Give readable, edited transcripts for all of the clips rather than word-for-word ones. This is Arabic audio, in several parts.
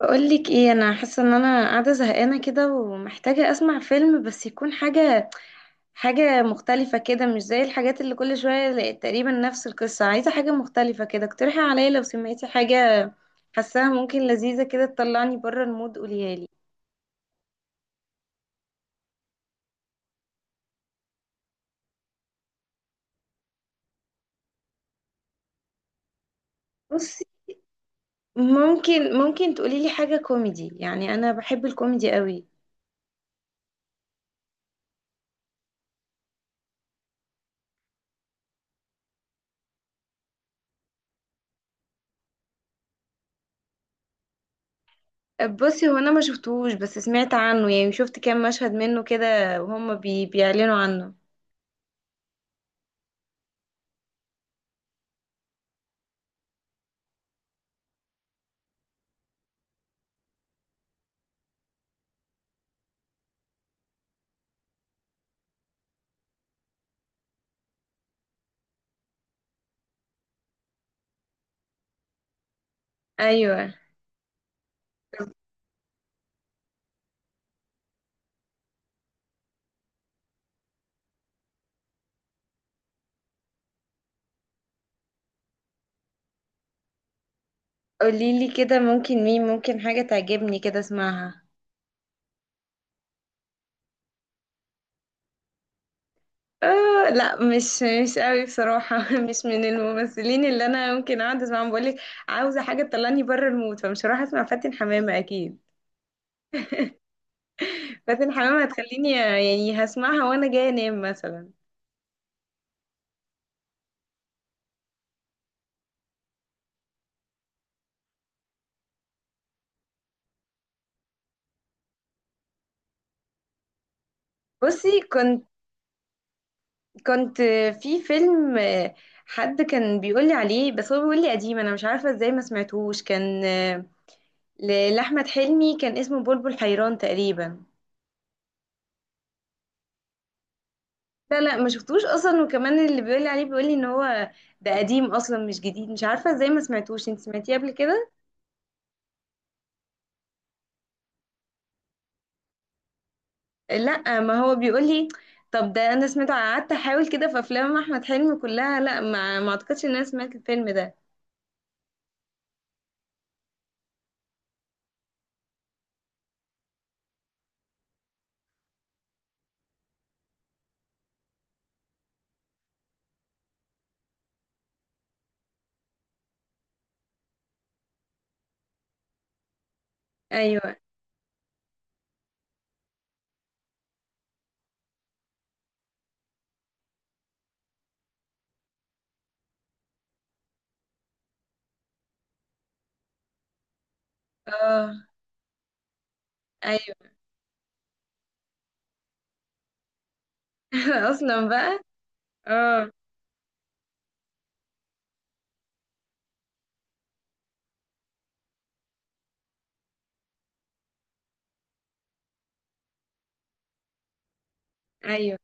بقولك ايه، انا حاسه ان انا قاعده زهقانه كده ومحتاجه اسمع فيلم، بس يكون حاجه مختلفه كده. مش زي الحاجات اللي كل شويه تقريبا نفس القصه. عايزه حاجه مختلفه كده، اقترحي عليا لو سمعتي حاجه حاساها ممكن لذيذه كده تطلعني بره المود، قوليها لي. بصي، ممكن تقولي لي حاجه كوميدي، يعني انا بحب الكوميدي قوي. بصي، هو انا ما شفتهوش، بس سمعت عنه، يعني شفت كام مشهد منه كده، وهم بيعلنوا عنه. ايوه. قوليلي كده، ممكن حاجة تعجبني كده اسمعها. آه لا، مش قوي بصراحة مش من الممثلين اللي انا ممكن اقعد اسمعهم. بقولك، عاوزة حاجة تطلعني بره المود، فمش هروح اسمع فاتن حمامة اكيد. فاتن حمامة هتخليني، يعني هسمعها وانا جاية انام مثلا. بصي، كنت في فيلم حد كان بيقولي عليه، بس هو بيقولي قديم، انا مش عارفة ازاي ما سمعتهوش. كان لأحمد حلمي، كان اسمه بلبل حيران تقريبا. لا لا، ما شفتوش اصلا، وكمان اللي بيقول لي عليه بيقول لي ان هو ده قديم اصلا مش جديد، مش عارفه ازاي ما سمعتوش. انت سمعتيه قبل كده؟ لا، ما هو بيقول لي. طب ده انا سمعته، قعدت احاول كده في افلام احمد حلمي كلها، لا ما اعتقدش ان انا سمعت الفيلم ده. ايوه. اه، ايوه. اصلا بقى. اه، ايوه،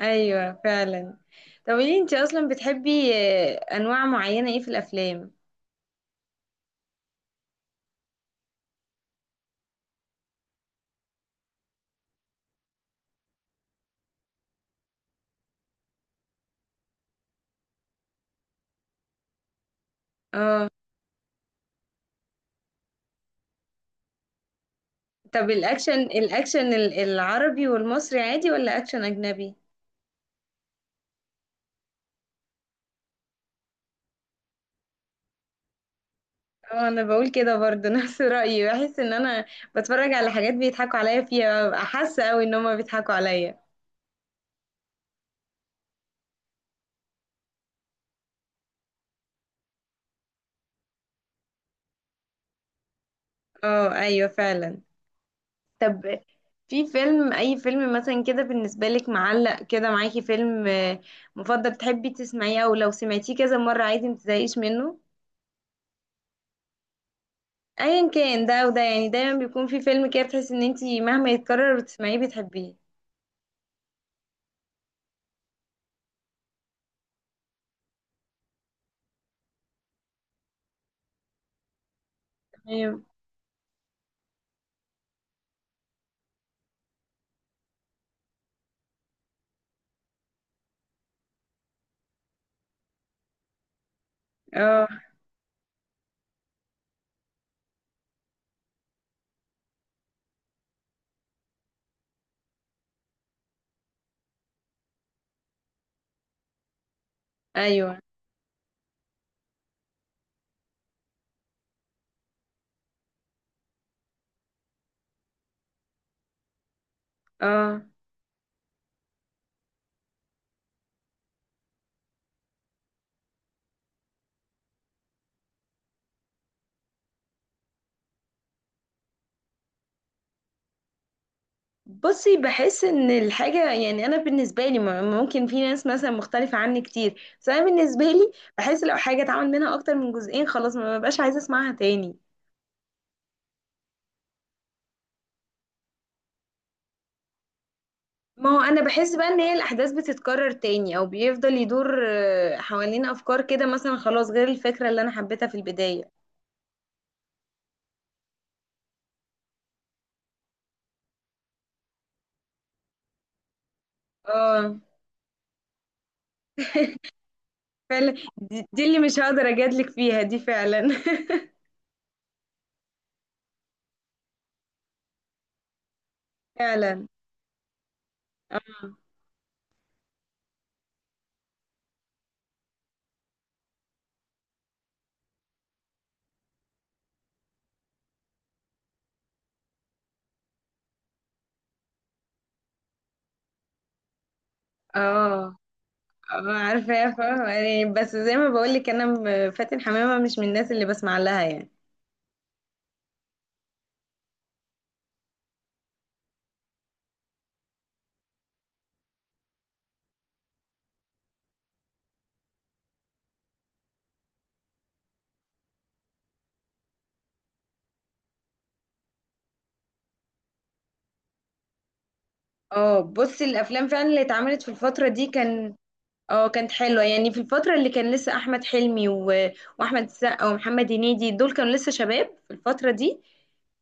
ايوه فعلا. طب ليه انت اصلا بتحبي انواع معينه ايه في الافلام؟ اه. طب الاكشن العربي والمصري عادي، ولا اكشن اجنبي؟ اه انا بقول كده برضه نفس رأيي. بحس ان انا بتفرج على حاجات بيضحكوا عليا فيها، ببقى حاسة قوي ان هما بيضحكوا عليا. اه، ايوه فعلا. طب في فيلم اي فيلم مثلا كده بالنسبة لك معلق كده معاكي، فيلم مفضل، بتحبي تسمعيه او لو سمعتيه كذا مرة عادي متزهقيش منه؟ ايا كان ده وده، يعني دايما بيكون في فيلم كده بتحسي ان انتي مهما يتكرر وتسمعيه بتحبيه. تمام. اه، ايوه. اه. بصي، بحس ان الحاجة، يعني انا بالنسبة لي ممكن في ناس مثلا مختلفة عني كتير، بس انا بالنسبة لي بحس لو حاجة اتعمل منها اكتر من جزئين خلاص ما ببقاش عايزة اسمعها تاني. ما هو انا بحس بقى ان هي الاحداث بتتكرر تاني، او بيفضل يدور حوالين افكار كده مثلا، خلاص غير الفكرة اللي انا حبيتها في البداية. اه فعلا، دي اللي مش هقدر اجادلك فيها، دي فعلا. فعلا. اه، اه، اه، عارفاه، فاهمة يعني، بس زي ما بقولك انا فاتن حمامة مش من الناس اللي بسمع لها يعني. اه. بصي الافلام فعلا اللي اتعملت في الفترة دي كان. اه، كانت حلوة يعني في الفترة اللي كان لسه احمد حلمي واحمد السقا ومحمد هنيدي، دول كانوا لسه شباب في الفترة دي.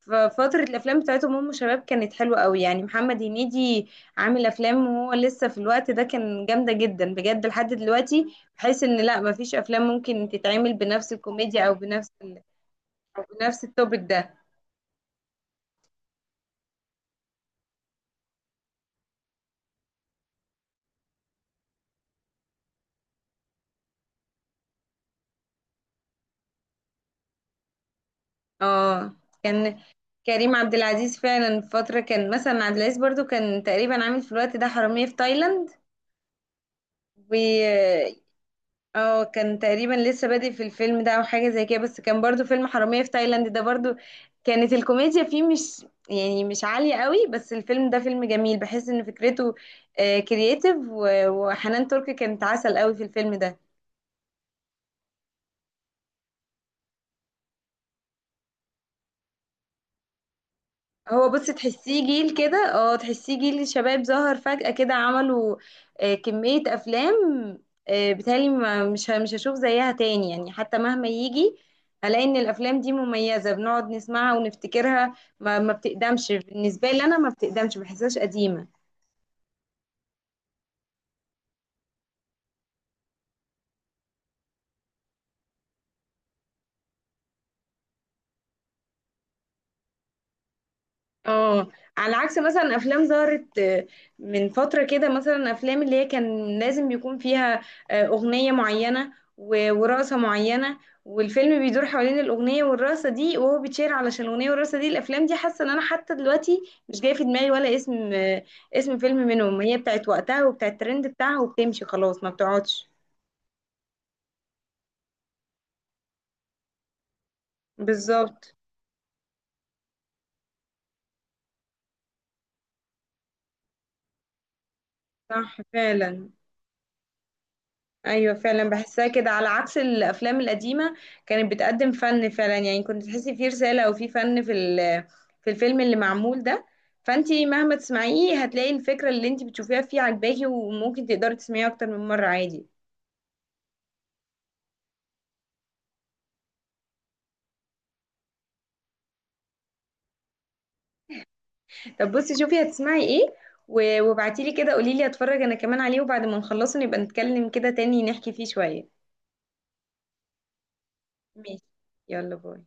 ففترة الافلام بتاعتهم هم شباب كانت حلوة قوي، يعني محمد هنيدي عامل افلام وهو لسه في الوقت ده، كان جامدة جدا بجد لحد دلوقتي، بحيث ان لا، مفيش افلام ممكن تتعمل بنفس الكوميديا او نفس التوبيك ده. اه كان كريم عبد العزيز فعلا في فترة كان مثلا، عبد العزيز برضو كان تقريبا عامل في الوقت ده حرامية في تايلاند، و اه، كان تقريبا لسه بادئ في الفيلم ده او حاجة زي كده، بس كان برضو فيلم حرامية في تايلاند ده برضو، كانت الكوميديا فيه مش، يعني مش عالية قوي، بس الفيلم ده فيلم جميل، بحس ان فكرته كرييتيف. وحنان ترك كانت عسل قوي في الفيلم ده. هو بصي تحسيه جيل كده، اه، تحسيه جيل شباب ظهر فجأة كده، عملوا كمية أفلام. بيتهيألي مش هشوف زيها تاني يعني، حتى مهما يجي هلاقي إن الأفلام دي مميزة، بنقعد نسمعها ونفتكرها. ما بتقدمش بالنسبة لي، أنا ما بتقدمش، ما بحسهاش قديمة. اه، على عكس مثلا افلام ظهرت من فتره كده، مثلا افلام اللي هي كان لازم يكون فيها اغنيه معينه ورقصه معينه، والفيلم بيدور حوالين الاغنيه والرقصه دي، وهو بيتشير علشان الاغنيه والرقصه دي. الافلام دي حاسه ان انا حتى دلوقتي مش جاي في دماغي ولا اسم اسم فيلم منهم. هي بتاعت وقتها وبتاعت الترند بتاعها، وبتمشي خلاص ما بتقعدش. بالظبط. صح فعلا. ايوه فعلا بحسها كده، على عكس الافلام القديمه كانت بتقدم فن فعلا، يعني كنت تحسي في رساله او في فن في في الفيلم اللي معمول ده. فانتي مهما تسمعيه هتلاقي الفكره اللي انتي بتشوفيها فيه عجباكي، وممكن تقدري تسمعيه اكتر من مره عادي. طب بصي شوفي هتسمعي ايه، وابعتيلي كده، قوليلي اتفرج انا كمان عليه، وبعد ما نخلصه نبقى نتكلم كده تاني نحكي فيه شويه. ماشي. يلا باي.